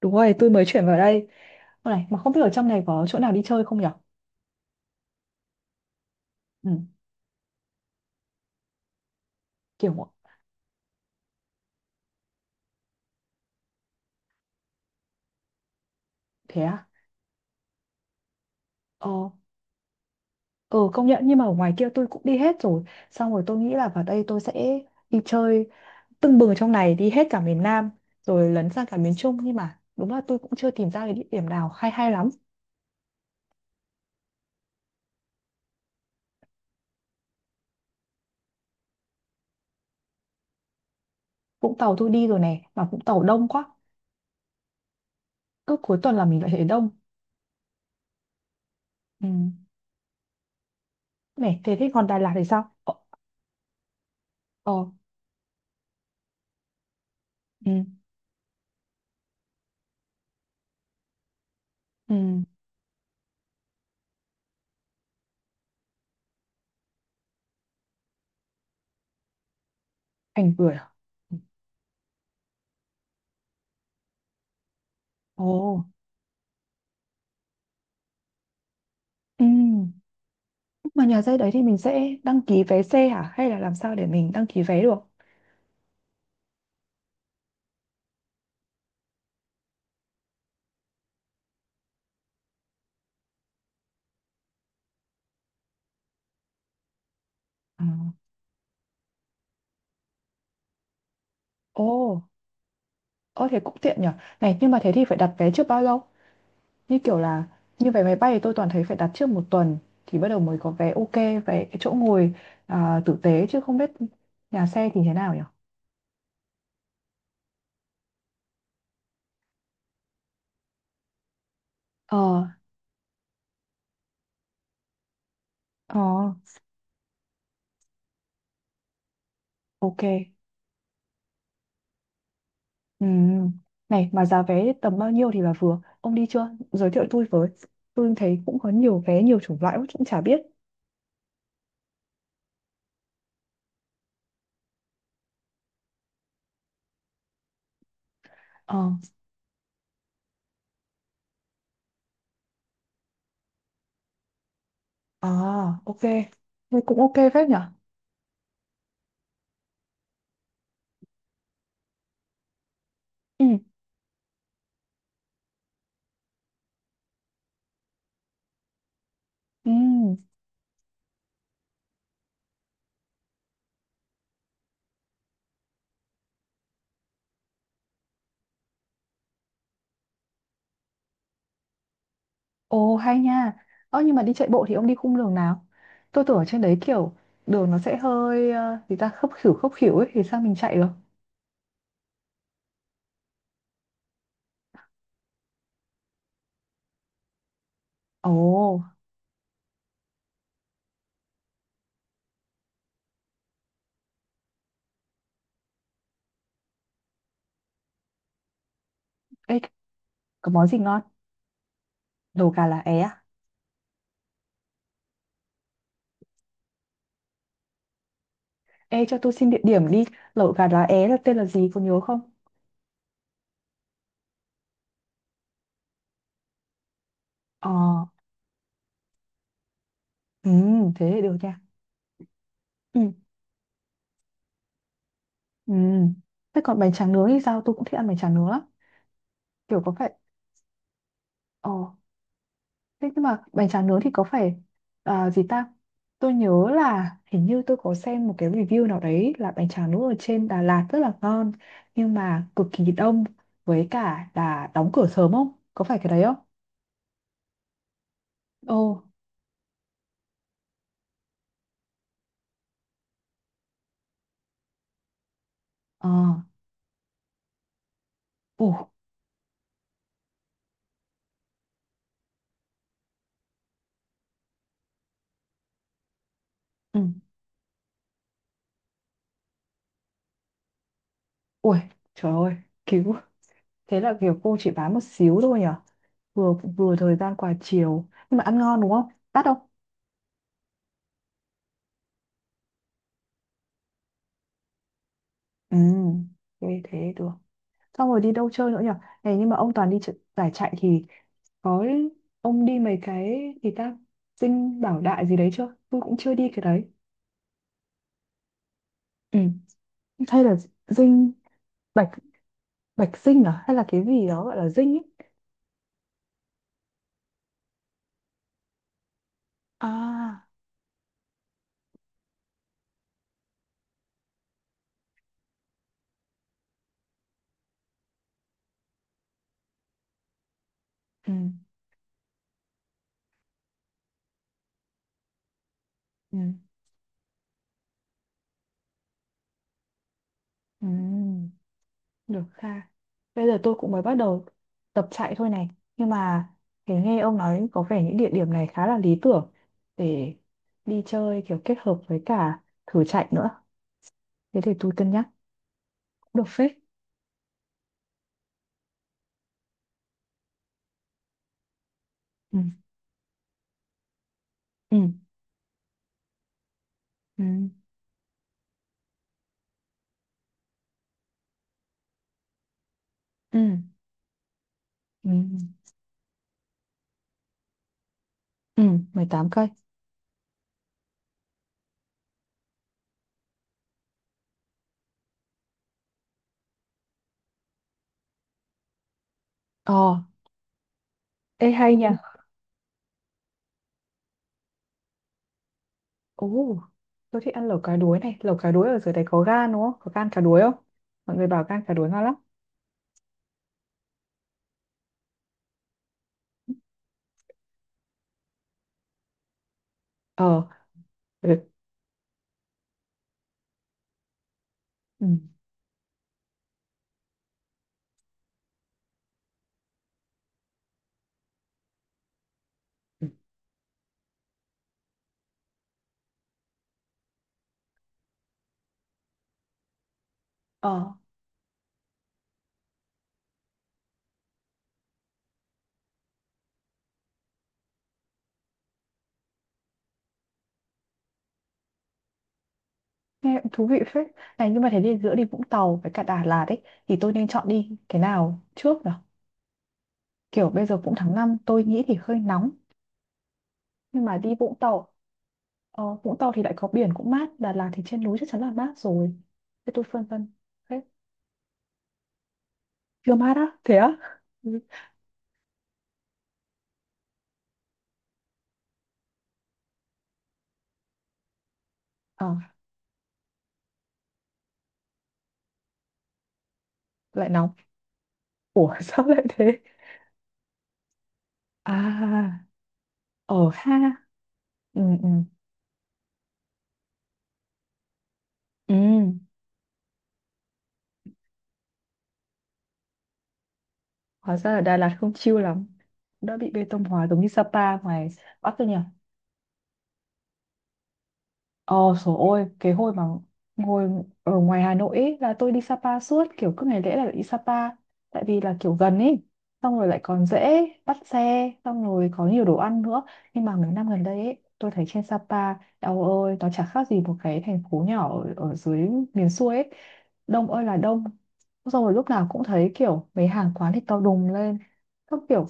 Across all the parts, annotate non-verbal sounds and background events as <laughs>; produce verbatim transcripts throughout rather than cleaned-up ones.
Đúng rồi, tôi mới chuyển vào đây. Ô này, mà không biết ở trong này có chỗ nào đi chơi không nhở? Ừ, kiểu thế à? Ờ, ờ công nhận nhưng mà ở ngoài kia tôi cũng đi hết rồi. Xong rồi tôi nghĩ là vào đây tôi sẽ đi chơi tưng bừng ở trong này, đi hết cả miền Nam, rồi lấn sang cả miền Trung. Nhưng mà đúng là tôi cũng chưa tìm ra cái địa điểm nào hay hay lắm. Vũng Tàu tôi đi rồi này, mà Vũng Tàu đông quá. Cứ cuối tuần là mình lại thấy đông. Ừ. Này, thế thế còn Đà Lạt thì sao? Ờ, ờ, ừ, ừ, Thành Bưởi à? Ồ, ừ. Mà nhà xe đấy thì mình sẽ đăng ký vé xe hả? Hay là làm sao để mình đăng ký vé được? À, Ồ, ơ thế cũng tiện nhở. Này, nhưng mà thế thì phải đặt vé trước bao lâu? Như kiểu là, như vé máy bay thì tôi toàn thấy phải đặt trước một tuần thì bắt đầu mới có vé, ok, vé chỗ ngồi à, tử tế chứ không biết nhà xe thì thế nào nhở. Ờ, ờ, ok. Ừ. Này, mà giá vé tầm bao nhiêu thì là vừa? Ông đi chưa? Giới thiệu tôi với. Tôi thấy cũng có nhiều vé, nhiều chủng loại, cũng chả biết. Ờ. À, ok. Thế cũng ok phết nhở. Ừ. Ừ. Ồ, hay nha. Ơ, nhưng mà đi chạy bộ thì ông đi khung đường nào? Tôi tưởng ở trên đấy kiểu đường nó sẽ hơi ờ, gì ta, khấp khỉu khấp khỉu ấy thì sao mình chạy được? Ồ, ê, có món gì ngon? Lẩu gà lá é à? Ê, cho tôi xin địa điểm đi. Lẩu gà lá é là tên là gì, có nhớ không? Ờ, ừ, thế thì được nha. Ừ. Ừ. Thế còn bánh tráng nướng thì sao? Tôi cũng thích ăn bánh tráng nướng lắm. Kiểu có phải... Ờ. Thế nhưng mà bánh tráng nướng thì có phải à, gì ta? Tôi nhớ là hình như tôi có xem một cái review nào đấy là bánh tráng nướng ở trên Đà Lạt rất là ngon nhưng mà cực kỳ đông với cả là đóng cửa sớm không? Có phải cái đấy không? Ồ, ờ, ủ, ừ, ui, trời ơi, cứu. Thế là kiểu cô chỉ bán một xíu thôi nhở? Vừa vừa thời gian qua chiều nhưng mà ăn ngon đúng không? Đắt không? Ừ, thế thế được. Xong rồi đi đâu chơi nữa nhở? Này nhưng mà ông toàn đi ch- giải chạy thì có, ông đi mấy cái gì ta, Dinh Bảo Đại gì đấy chưa, tôi cũng chưa đi cái đấy. Ừ. Hay là dinh, bạch bạch dinh à, hay là cái gì đó gọi là dinh ấy? À, ừ. Ừ. Ừ. Được ha. Bây giờ tôi cũng mới bắt đầu tập chạy thôi này, nhưng mà thấy nghe ông nói có vẻ những địa điểm này khá là lý tưởng để đi chơi kiểu kết hợp với cả thử chạy nữa, thế thì tôi cân nhắc cũng được phết. Ừ. Ừ. Ừ. Ừ. Ừ, Ừ, mười tám cây. Ờ, ê hay, Ừ, nha. Ồ, tôi thích ăn lẩu cá đuối này. Lẩu cá đuối ở dưới đấy có gan đúng không? Có gan cá đuối không? Mọi người bảo gan cá đuối ngon lắm. Ờ, ừ. Ừ. Ừ. Ờ, nghe cũng thú vị phết. Này nhưng mà thế thì giữa đi Vũng Tàu với cả Đà Lạt ấy thì tôi nên chọn đi cái nào trước nhở? Kiểu bây giờ cũng tháng năm tôi nghĩ thì hơi nóng. Nhưng mà đi Vũng Tàu, ờ, Vũng Tàu thì lại có biển cũng mát. Đà Lạt thì trên núi chắc chắn là mát rồi. Thế tôi phân vân. Thế, chưa mát á? Thế á? Ừ. Ờ, lại nóng. Ủa <laughs> sao lại thế? À, ở ha. Ừ, ừ, ừ. Hóa ra ở Đà Lạt không chill lắm. Đã bị bê tông hóa giống như Sapa ngoài Bắc rồi nhỉ? Ờ, trời ơi cái hồi mà ngồi ở ngoài Hà Nội ấy, là tôi đi Sapa suốt, kiểu cứ ngày lễ là đi Sapa, tại vì là kiểu gần ấy, xong rồi lại còn dễ bắt xe, xong rồi có nhiều đồ ăn nữa. Nhưng mà mấy năm gần đây ấy tôi thấy trên Sapa, eo ơi nó chả khác gì một cái thành phố nhỏ ở, ở dưới miền xuôi ấy, đông ơi là đông, xong rồi lúc nào cũng thấy kiểu mấy hàng quán thì to đùng lên các kiểu,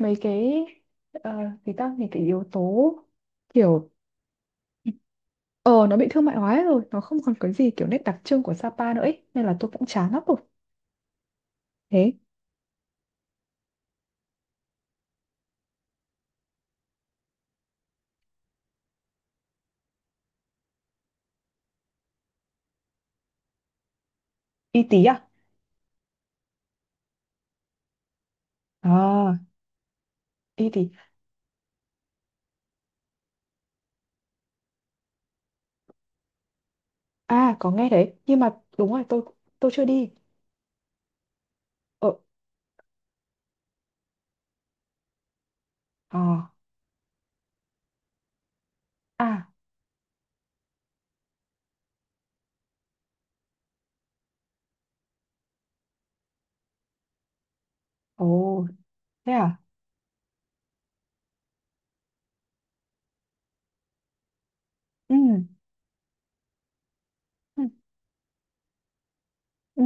mấy cái uh, thì ta những cái yếu tố kiểu. Ờ nó bị thương mại hóa hết rồi, nó không còn cái gì kiểu nét đặc trưng của Sapa nữa ấy. Nên là tôi cũng chán lắm rồi. Thế Y Tí à? À Y Tí. À có nghe đấy. Nhưng mà đúng rồi tôi tôi chưa đi. Ờ, à, à. Ồ. Thế à. Ừ. Ừ. Ừ.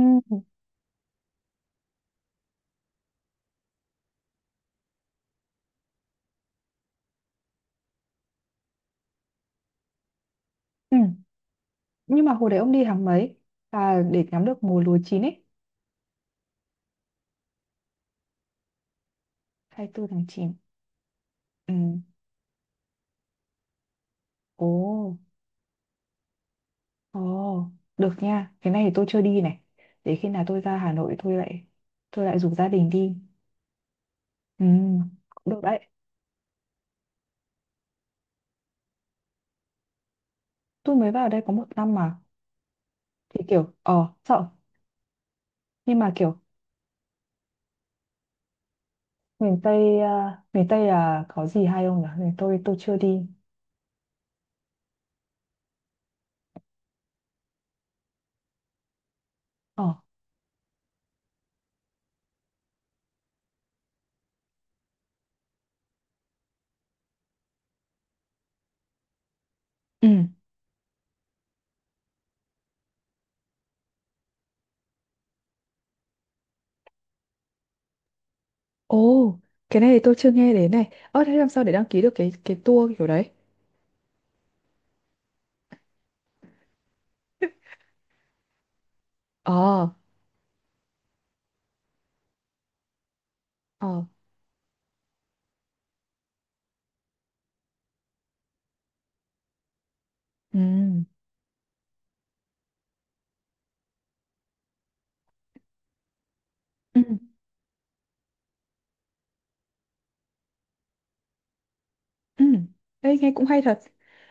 Ừ. Nhưng mà hồi đấy ông đi tháng mấy? À để ngắm được mùa lúa chín ấy. hai mươi tư tháng chín. Ừ. Ồ. Ồ. Được nha. Cái này thì tôi chưa đi này. Để khi nào tôi ra Hà Nội tôi lại, tôi lại rủ gia đình đi. Ừ, cũng được đấy. Tôi mới vào đây có một năm mà. Thì kiểu ờ sợ, nhưng mà kiểu miền Tây à, miền Tây là có gì hay không nhỉ? Miền tôi tôi chưa đi. Ờ. Ừ. Ồ, cái này thì tôi chưa nghe đến này. Ơ thế làm sao để đăng ký được cái cái tour kiểu đấy? Ờ, ờ. Ừ. Ừ. Ừ. Ê, nghe cũng hay thật.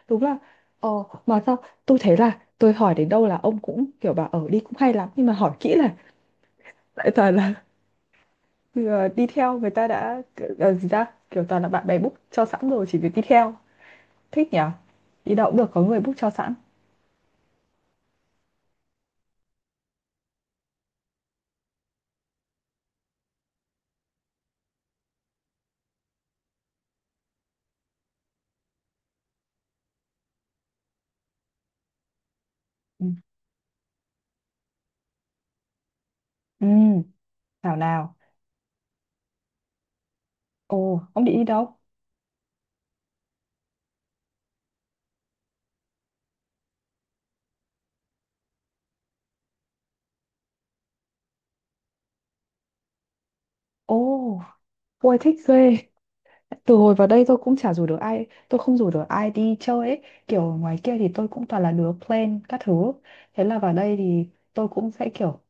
Đúng là, ờ mà sao tôi thấy là tôi hỏi đến đâu là ông cũng kiểu bảo ở đi cũng hay lắm, nhưng mà hỏi kỹ là lại toàn là thì giờ đi theo người ta đã, ờ, gì ra kiểu toàn là bạn bè book cho sẵn rồi chỉ việc đi theo. Thích nhỉ, đi đâu cũng được có người book cho sẵn. Ừ. Ừ, nào nào. Ồ ông định đi đâu? Ồ ôi thích ghê, từ hồi vào đây tôi cũng chả rủ được ai, tôi không rủ được ai đi chơi ấy. Kiểu ngoài kia thì tôi cũng toàn là đứa plan các thứ, thế là vào đây thì tôi cũng sẽ kiểu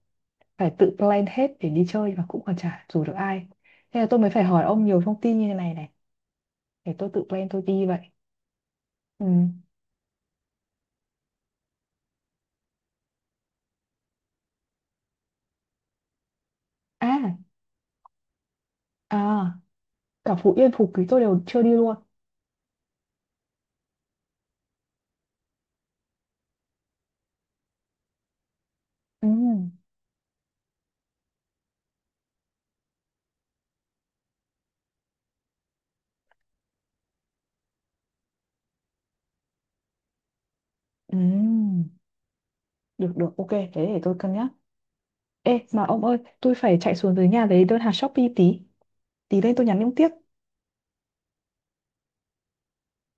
phải tự plan hết để đi chơi, mà cũng còn chả rủ được ai. Thế là tôi mới phải hỏi ông nhiều thông tin như thế này này, để tôi tự plan tôi đi vậy. Ừ. À, à, cả Phú Yên, Phú Quý tôi đều chưa đi luôn. Ừ, ừ, được, được, ok, thế để tôi cân nhắc. Ê, mà ông ơi, tôi phải chạy xuống dưới nhà lấy đơn hàng Shopee tí. Tí lên tôi nhắn ông tiếp.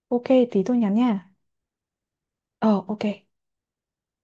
Ok, tí tôi nhắn nha. Ờ, ok.